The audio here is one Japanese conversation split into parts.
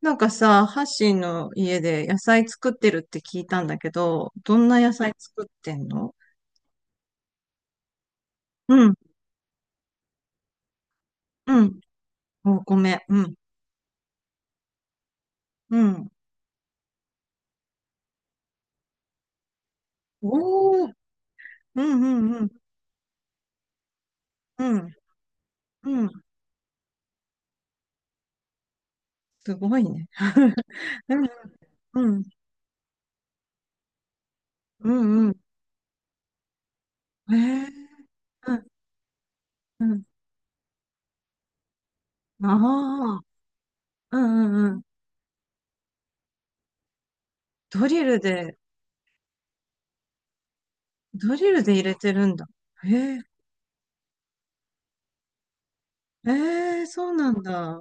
なんかさ、ハッシーの家で野菜作ってるって聞いたんだけど、どんな野菜作ってんの？うん、うん。お米、うん、うん。おー、うん、うん、うん、うん、うん。すごいね。うん、うん、うん、うん。へえ、うん、うん。ああ、うん、うん、うん。ドリルで、ドリルで入れてるんだ。へえ、ええ、そうなんだ。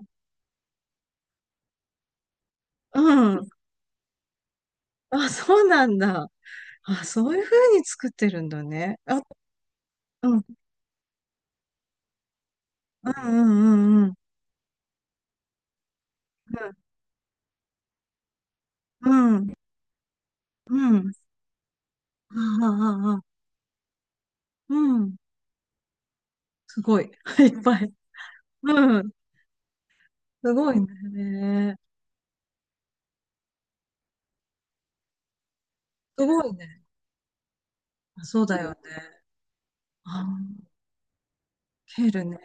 うん。あ、そうなんだ。あ、そういう風に作ってるんだね。あ、うん、うんうんうんうん。うん。うん。ああ、ああ、うん。すごい。いっぱい。うん。すごいね。すごいね。あ、そうだよね。ああ、ケールね。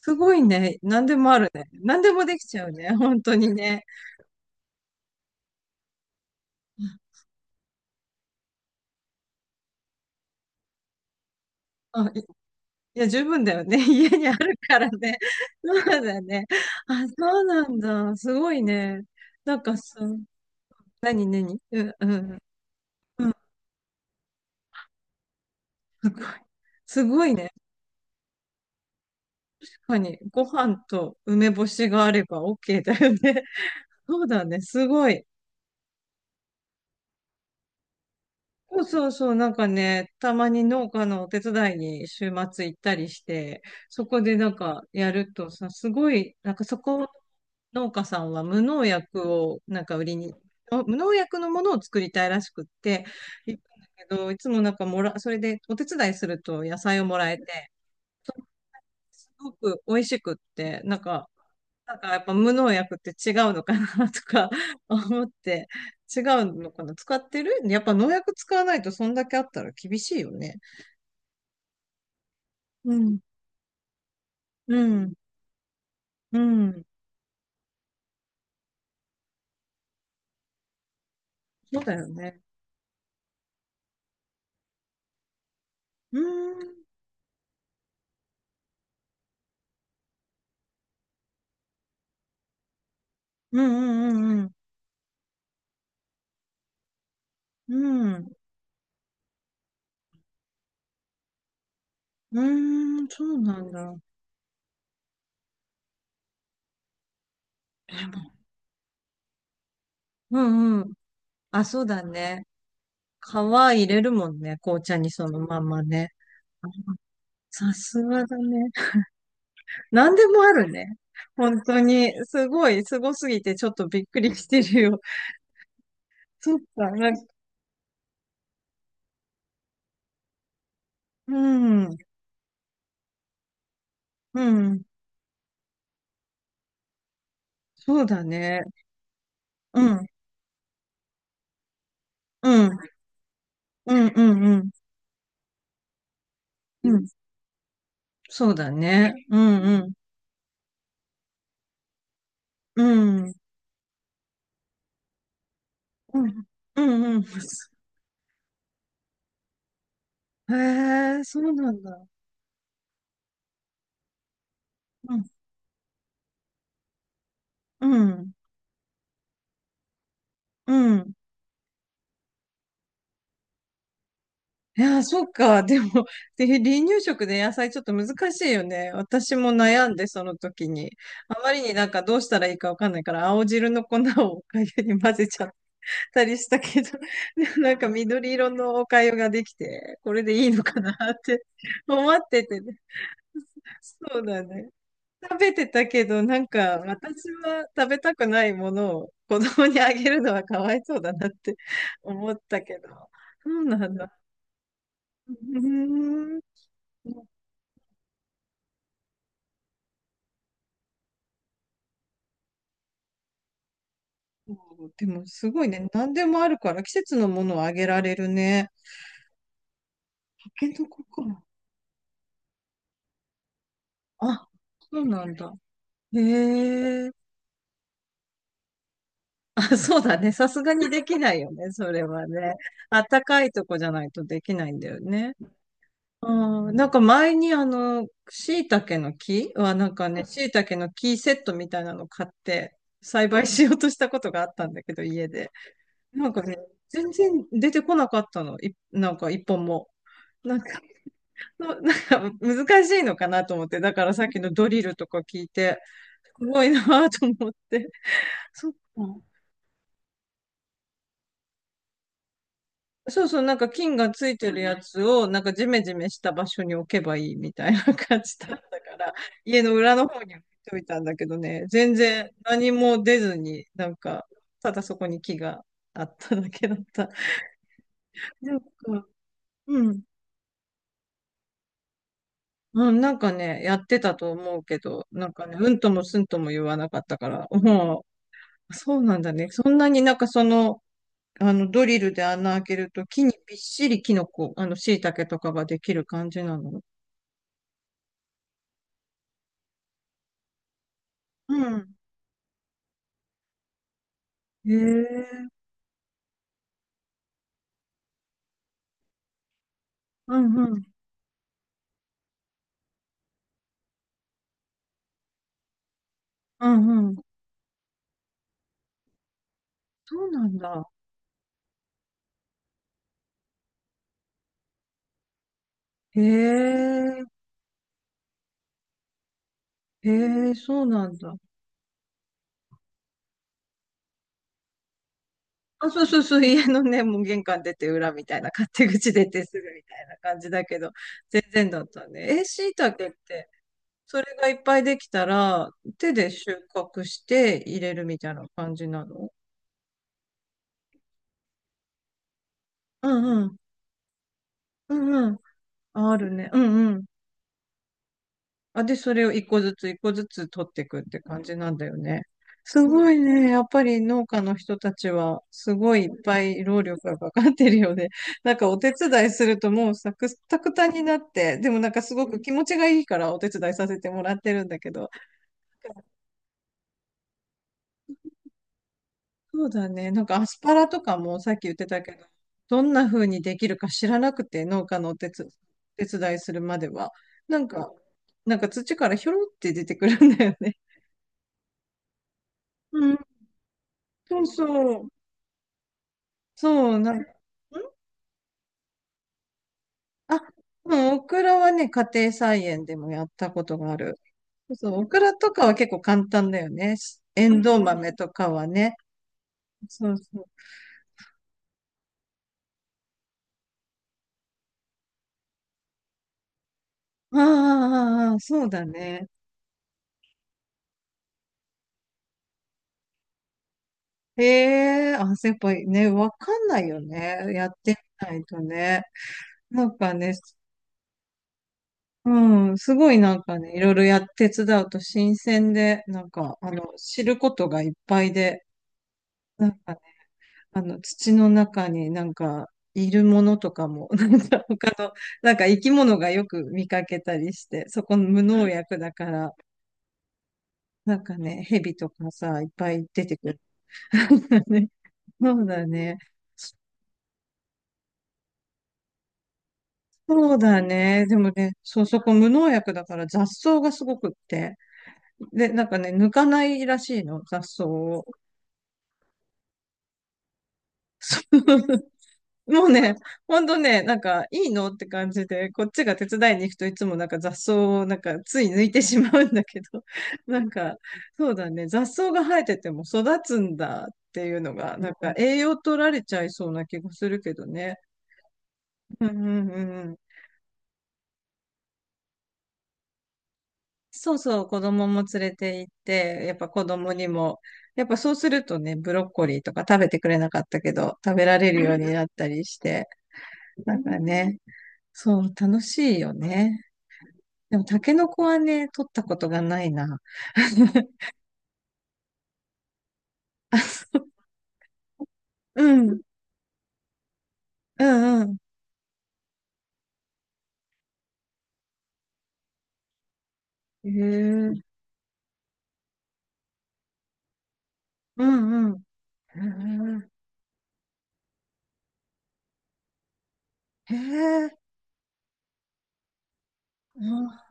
すごいね。何でもあるね。何でもできちゃうね。本当にね。あ、いいや、十分だよね。家にあるからね。そうだね。あ、そうなんだ。すごいね。なんかさ、何うん、うん、うん。すごい。すごいね。確かに、ご飯と梅干しがあれば OK だよね。そうだね、すごい。そうそうそう、なんかね、たまに農家のお手伝いに週末行ったりして、そこでなんかやるとさ、すごい、なんかそこ、農家さんは無農薬をなんか売りに、無農薬のものを作りたいらしくって、行ったんだけど、いつもなんかもら、それでお手伝いすると野菜をもらえて、すごく美味しくって、なんか、なんかやっぱ無農薬って違うのかなとか 思って、違うのかな使ってるやっぱ農薬使わないとそんだけあったら厳しいよね。うん、うん、うん。そうだよね。うん、うん、うん、うん、うん。うん、そうなんだ。うん、うん。あ、そうだね。皮入れるもんね。紅茶にそのまんまね。さすがだね。何でもあるね。本当に、すごい、すごすぎてちょっとびっくりしてるよ。そっか、なんか、うん、うん、そうだね。うん、うん、うん、うん、うん、うん、そうだね。うん、うん、うん、うん、うん、うん。へえ、そうなんだ。うん、うん、うん。いや、そっか。でも、で、離乳食で野菜ちょっと難しいよね。私も悩んで、その時に。あまりになんかどうしたらいいかわかんないから、青汁の粉をおかゆに混ぜちゃったりしたけど、でもなんか緑色のお粥ができて、これでいいのかなって 思っててね。そうだね。食べてたけど、なんか私は食べたくないものを子供にあげるのはかわいそうだなって 思ったけど、そうなんだ。うーん。そう、でもすごいね、何でもあるから季節のものをあげられるね。タケノコか。あ、そうなんだ。へえ。あ、そうだね。さすがにできないよね。それはね。あったかいとこじゃないとできないんだよね。うん。なんか前にあの、椎茸の木はなんかね、椎茸の木セットみたいなの買って栽培しようとしたことがあったんだけど、家で。なんかね、全然出てこなかったの。なんか一本も。なんか、のなんか難しいのかなと思って。だからさっきのドリルとか聞いて、すごいなぁと思って。そっか。そうそう、なんか菌がついてるやつを、なんかジメジメした場所に置けばいいみたいな感じだったから、家の裏の方に置いといたんだけどね、全然何も出ずに、なんか、ただそこに木があっただけだった。なんか、うん。うん、なんかね、やってたと思うけど、なんかね、うんともすんとも言わなかったから、もう、そうなんだね。そんなになんかその、あの、ドリルで穴開けると木にびっしりキノコ、あの、椎茸とかができる感じなの？うん。へえ、うんうん、うんうん。そうなんだ。へえ、へえ、そうなんだ。あ、そうそうそう、家のね、もう玄関出て裏みたいな、勝手口出てすぐみたいな感じだけど、全然だったね。え、椎茸って、それがいっぱいできたら、手で収穫して入れるみたいな感じなの？うんうん、うんうん、ああるね。うんうん。あ、で、それを一個ずつ一個ずつ取っていくって感じなんだよね。すごいね。やっぱり農家の人たちは、すごいいっぱい労力がかかってるよね。なんかお手伝いするともうサクタクタになって、でもなんかすごく気持ちがいいからお手伝いさせてもらってるんだけど。そうだね。なんかアスパラとかもさっき言ってたけど、どんな風にできるか知らなくて、農家のお手つ、手伝いするまでは。なんか、なんか土からひょろって出てくるんだよね。うん、そうそう。そう、なん、ん、あ、でもオクラはね、家庭菜園でもやったことがある。そう、オクラとかは結構簡単だよね。エンドウ豆とかはね。そうそう。ああああああ、そうだね。ええ、あ、やっぱりね、わかんないよね。やってみないとね。なんかね、うん、すごいなんかね、いろいろやって手伝うと新鮮で、なんか、あの、知ることがいっぱいで、なんかね、あの、土の中になんか、いるものとかも、なんか他の、なんか生き物がよく見かけたりして、そこの無農薬だから、なんかね、蛇とかさ、いっぱい出てくる。ね、そうだね。そうだね。でもね、そう、そこ無農薬だから雑草がすごくって。で、なんかね、抜かないらしいの、雑草を。もうね、ほんとね、なんか、いいのって感じで、こっちが手伝いに行くといつもなんか雑草をなんかつい抜いてしまうんだけど、なんか、そうだね、雑草が生えてても育つんだっていうのが、なんか栄養取られちゃいそうな気がするけどね。うんうんうんうん。そうそう、子供も連れて行って、やっぱ子供にも、やっぱそうするとね、ブロッコリーとか食べてくれなかったけど、食べられるようになったりして、なんかね、そう、楽しいよね。でも、タケノコはね、取ったことがないな。あ、そう、うん、うん、うん。へえ、うん、うん。へえ、へえ、うん、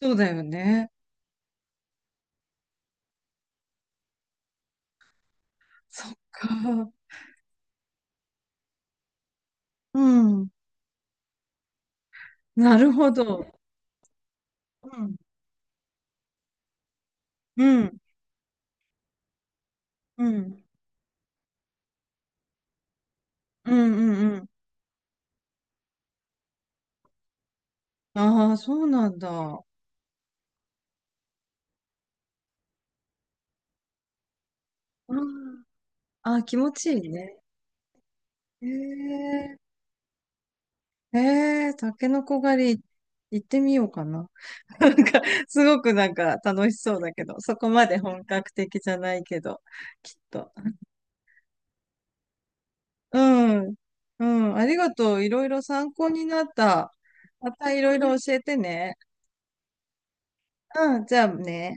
そうだよね。そっか。うん。なるほど。うん、うん、うん、うん、うんうん。ああー、そうなんだ。うん。ああ、気持ちいいね。へえ、へえ、タケノコ狩り行ってみようかな。なんか、すごくなんか楽しそうだけど、そこまで本格的じゃないけど、きっと。うん。うん。ありがとう。いろいろ参考になった。またいろいろ教えてね。うん。じゃあね。